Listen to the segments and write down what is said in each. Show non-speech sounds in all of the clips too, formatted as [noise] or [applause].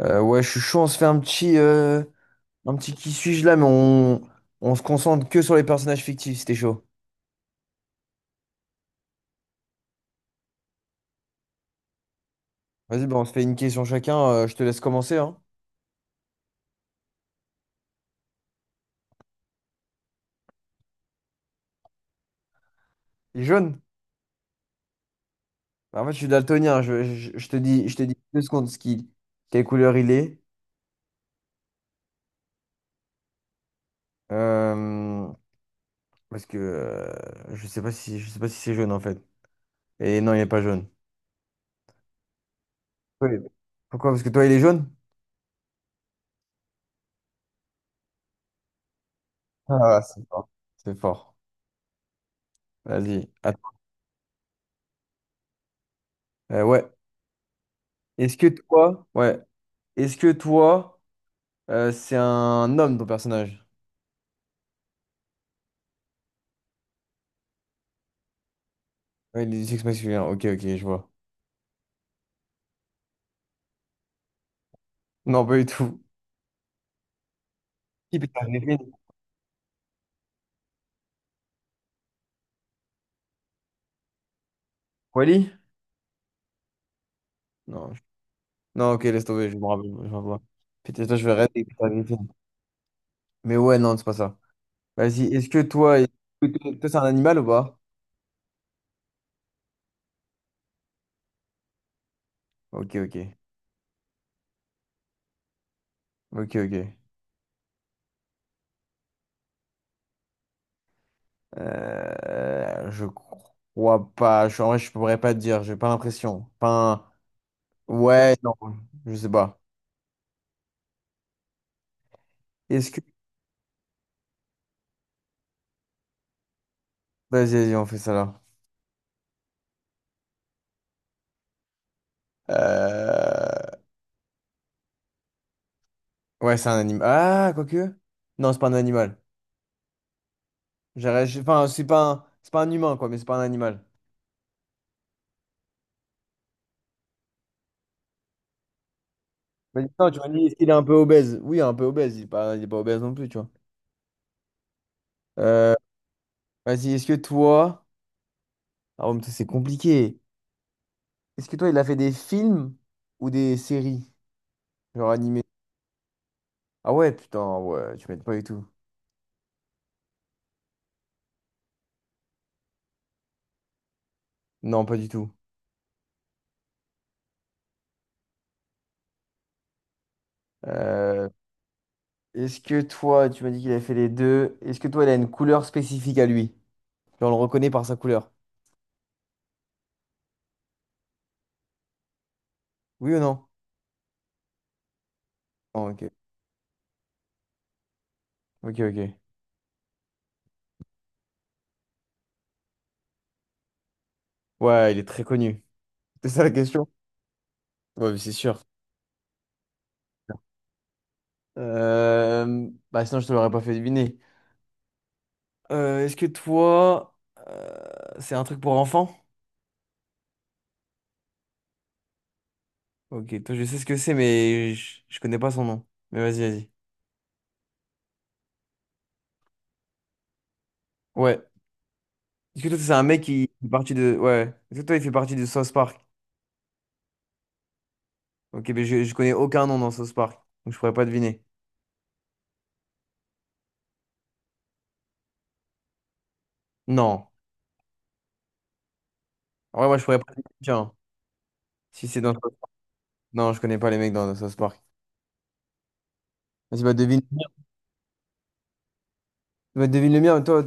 Ouais, je suis chaud, on se fait un petit qui suis-je là, on se concentre que sur les personnages fictifs, c'était chaud. Vas-y, on se fait une question chacun, je te laisse commencer, hein. Il est jaune. Bah, en fait, je suis daltonien, je te dis deux secondes quelle couleur il est. Euh, parce que je sais pas si c'est jaune en fait. Et non, il est pas jaune. Oui. Pourquoi? Parce que toi, il est jaune? Ah, c'est fort. C'est fort. Vas-y. Attends. Ouais. Est-ce que toi, ouais. Est-ce que toi, c'est un homme, ton personnage. Ouais, il est du sexe masculin. Ok, ok, je vois. Non, pas du tout. Qui Peter Griffin? Wally? Non. je- Non, ok, laisse tomber, je me rappelle pas. Putain, toi, je vais rêver avec Peter Griffin. Mais ouais, non, c'est pas ça. Vas-y, est-ce que toi, c'est un animal ou pas? Ok, ok. Ok, ok. Je crois pas. En vrai, je pourrais pas te dire, j'ai pas l'impression. Enfin, ouais, non, je sais pas. Est-ce que... Vas-y, vas-y, on fait ça là. Euh, Ouais, c'est un animal. Ah, quoique. Non, c'est pas un animal. Enfin, c'est pas un humain, quoi, mais c'est pas un animal. Vas-y, non, tu m'as dit, est-ce qu'il est un peu obèse? Oui, un peu obèse. Il est pas obèse non plus, tu vois. Euh, Vas-y, est-ce que toi. Ah, ouais, mais ça, c'est compliqué. Est-ce que toi, il a fait des films ou des séries? Genre animées? Ah ouais, putain, ouais, tu m'aides pas du tout. Non, pas du tout. Euh, Est-ce que toi, tu m'as dit qu'il a fait les deux. Est-ce que toi, il a une couleur spécifique à lui? Genre, on le reconnaît par sa couleur. Oui ou non? Non, ok. Ok, ok. Ouais, il est très connu. C'est ça la question? Ouais, mais c'est sûr. Bah, sinon, je te l'aurais pas fait deviner. Est-ce que toi, euh, c'est un truc pour enfants? Ok, toi, je sais ce que c'est, mais je connais pas son nom. Mais vas-y, vas-y. Ouais. Est-ce que toi, c'est un mec qui fait partie de. Ouais. Est-ce que toi, il fait partie de South Park? Ok, mais je connais aucun nom dans South Park. Donc, je pourrais pas deviner. Non. Ouais, moi, je pourrais pas deviner. Tiens, si c'est dans. Non, je connais pas les mecs dans South Park. Vas-y, bah, devine. Bah, devine le mien. Toi,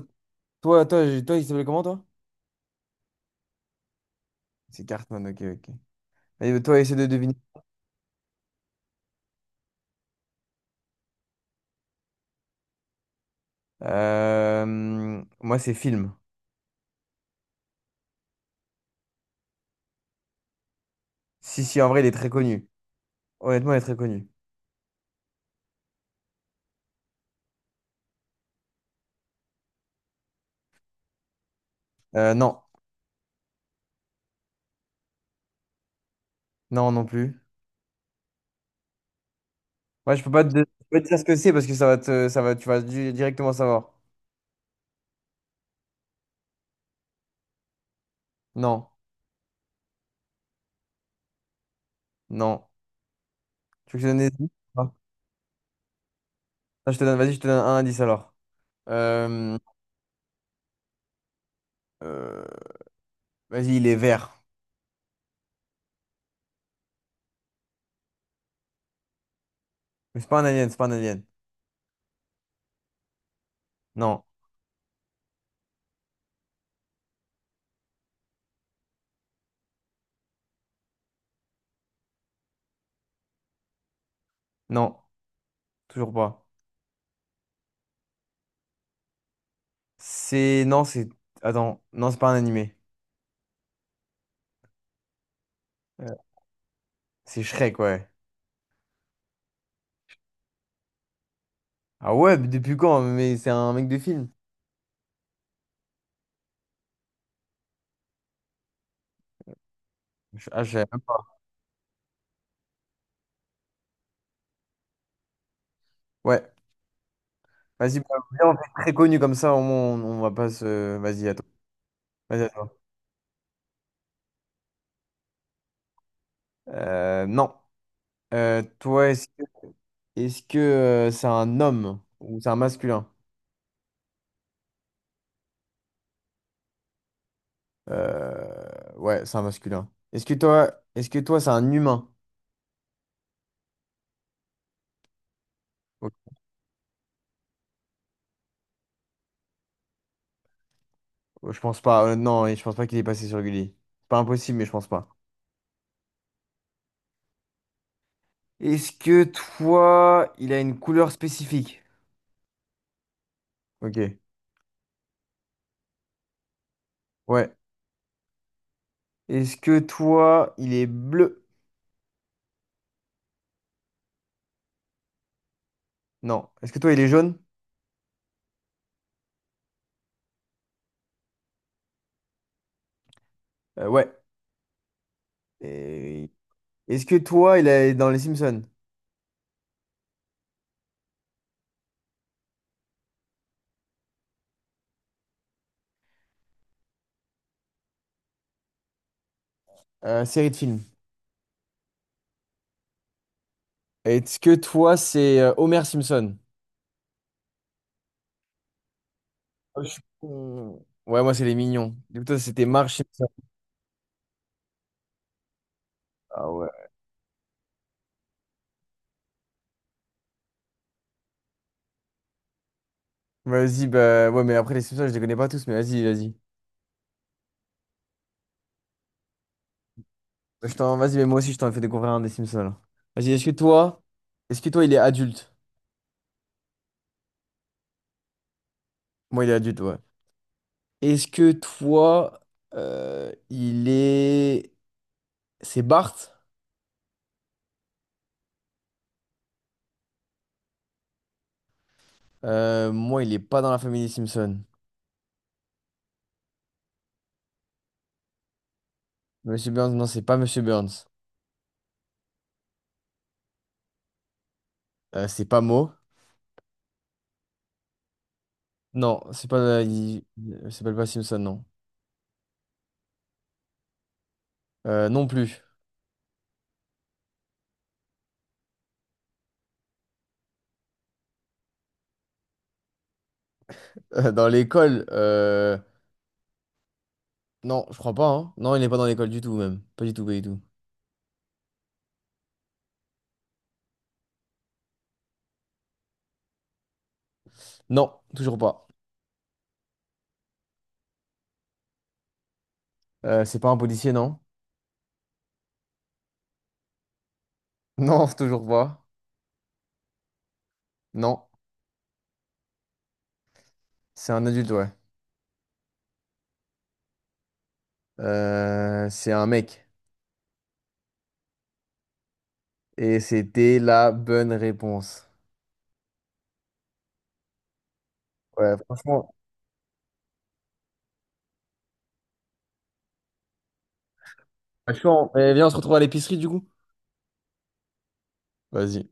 toi, toi, toi, il s'appelait comment, toi? C'est Cartman, ok, ok. Allez, toi, essaie de deviner. Euh, moi, c'est film. Si, si, en vrai, il est très connu. Honnêtement, il est très connu. Euh, non, non, non plus. Moi, je peux pas te, Je peux pas te dire ce que c'est parce que ça va, directement savoir. Non, non. Tu veux que je te donne des indices? Non. Vas-y, je te donne un indice alors. Euh, euh, Vas-y, il est vert. Mais c'est pas un alien, c'est pas un alien. Non, non, toujours pas. C'est, non, c'est, Attends, non, c'est pas un animé. Euh, C'est Shrek, ouais. Ah ouais, mais depuis quand? Mais c'est un mec de film. Ah, je savais même pas. Ouais. Vas-y, bah, viens, on fait très connu comme ça, au moins on va pas se. Vas-y, à toi. Vas-y, à toi. Non. Toi, c'est un homme ou c'est un masculin? Euh, Ouais, c'est un masculin. Est-ce que toi, c'est un humain? Oh, je pense pas. Non, et je pense pas qu'il est passé sur Gulli. Pas impossible, mais je pense pas. Est-ce que toi, il a une couleur spécifique? Ok. Ouais. Est-ce que toi, il est bleu? Non. Est-ce que toi, il est jaune? Ouais. Et- Est-ce que toi, il est dans Les Simpsons? Série de films. Est-ce que toi, c'est Homer Simpson? Ah, je suis con. Ouais, moi, c'est les mignons. Du coup, toi, c'était Marge Simpson. Ah ouais. Vas-y, bah ouais, mais après, les Simpsons, je les connais pas tous, mais vas-y, vas-y. Vas-y, mais moi aussi, je t'en ai fait découvrir un des Simpsons. Là. Vas-y, est-ce que toi, il est adulte? Moi, il est adulte, ouais. Est-ce que toi, euh, il est... c'est Bart? Moi, il est pas dans la famille des Simpsons. Monsieur Burns, non, c'est pas Monsieur Burns. C'est pas Mo. Non, c'est pas. Il s'appelle pas Simpson, non. Non plus. Euh, dans l'école, euh... non, je crois pas. Hein. Non, il n'est pas dans l'école du tout, même. Pas du tout, pas du tout. Non, toujours pas. C'est pas un policier, non? Non, [laughs] toujours pas. Non, c'est un adulte, ouais. C'est un mec. Et c'était la bonne réponse. Ouais, franchement. Franchement, eh bien, on se retrouve à l'épicerie, du coup. Vas-y.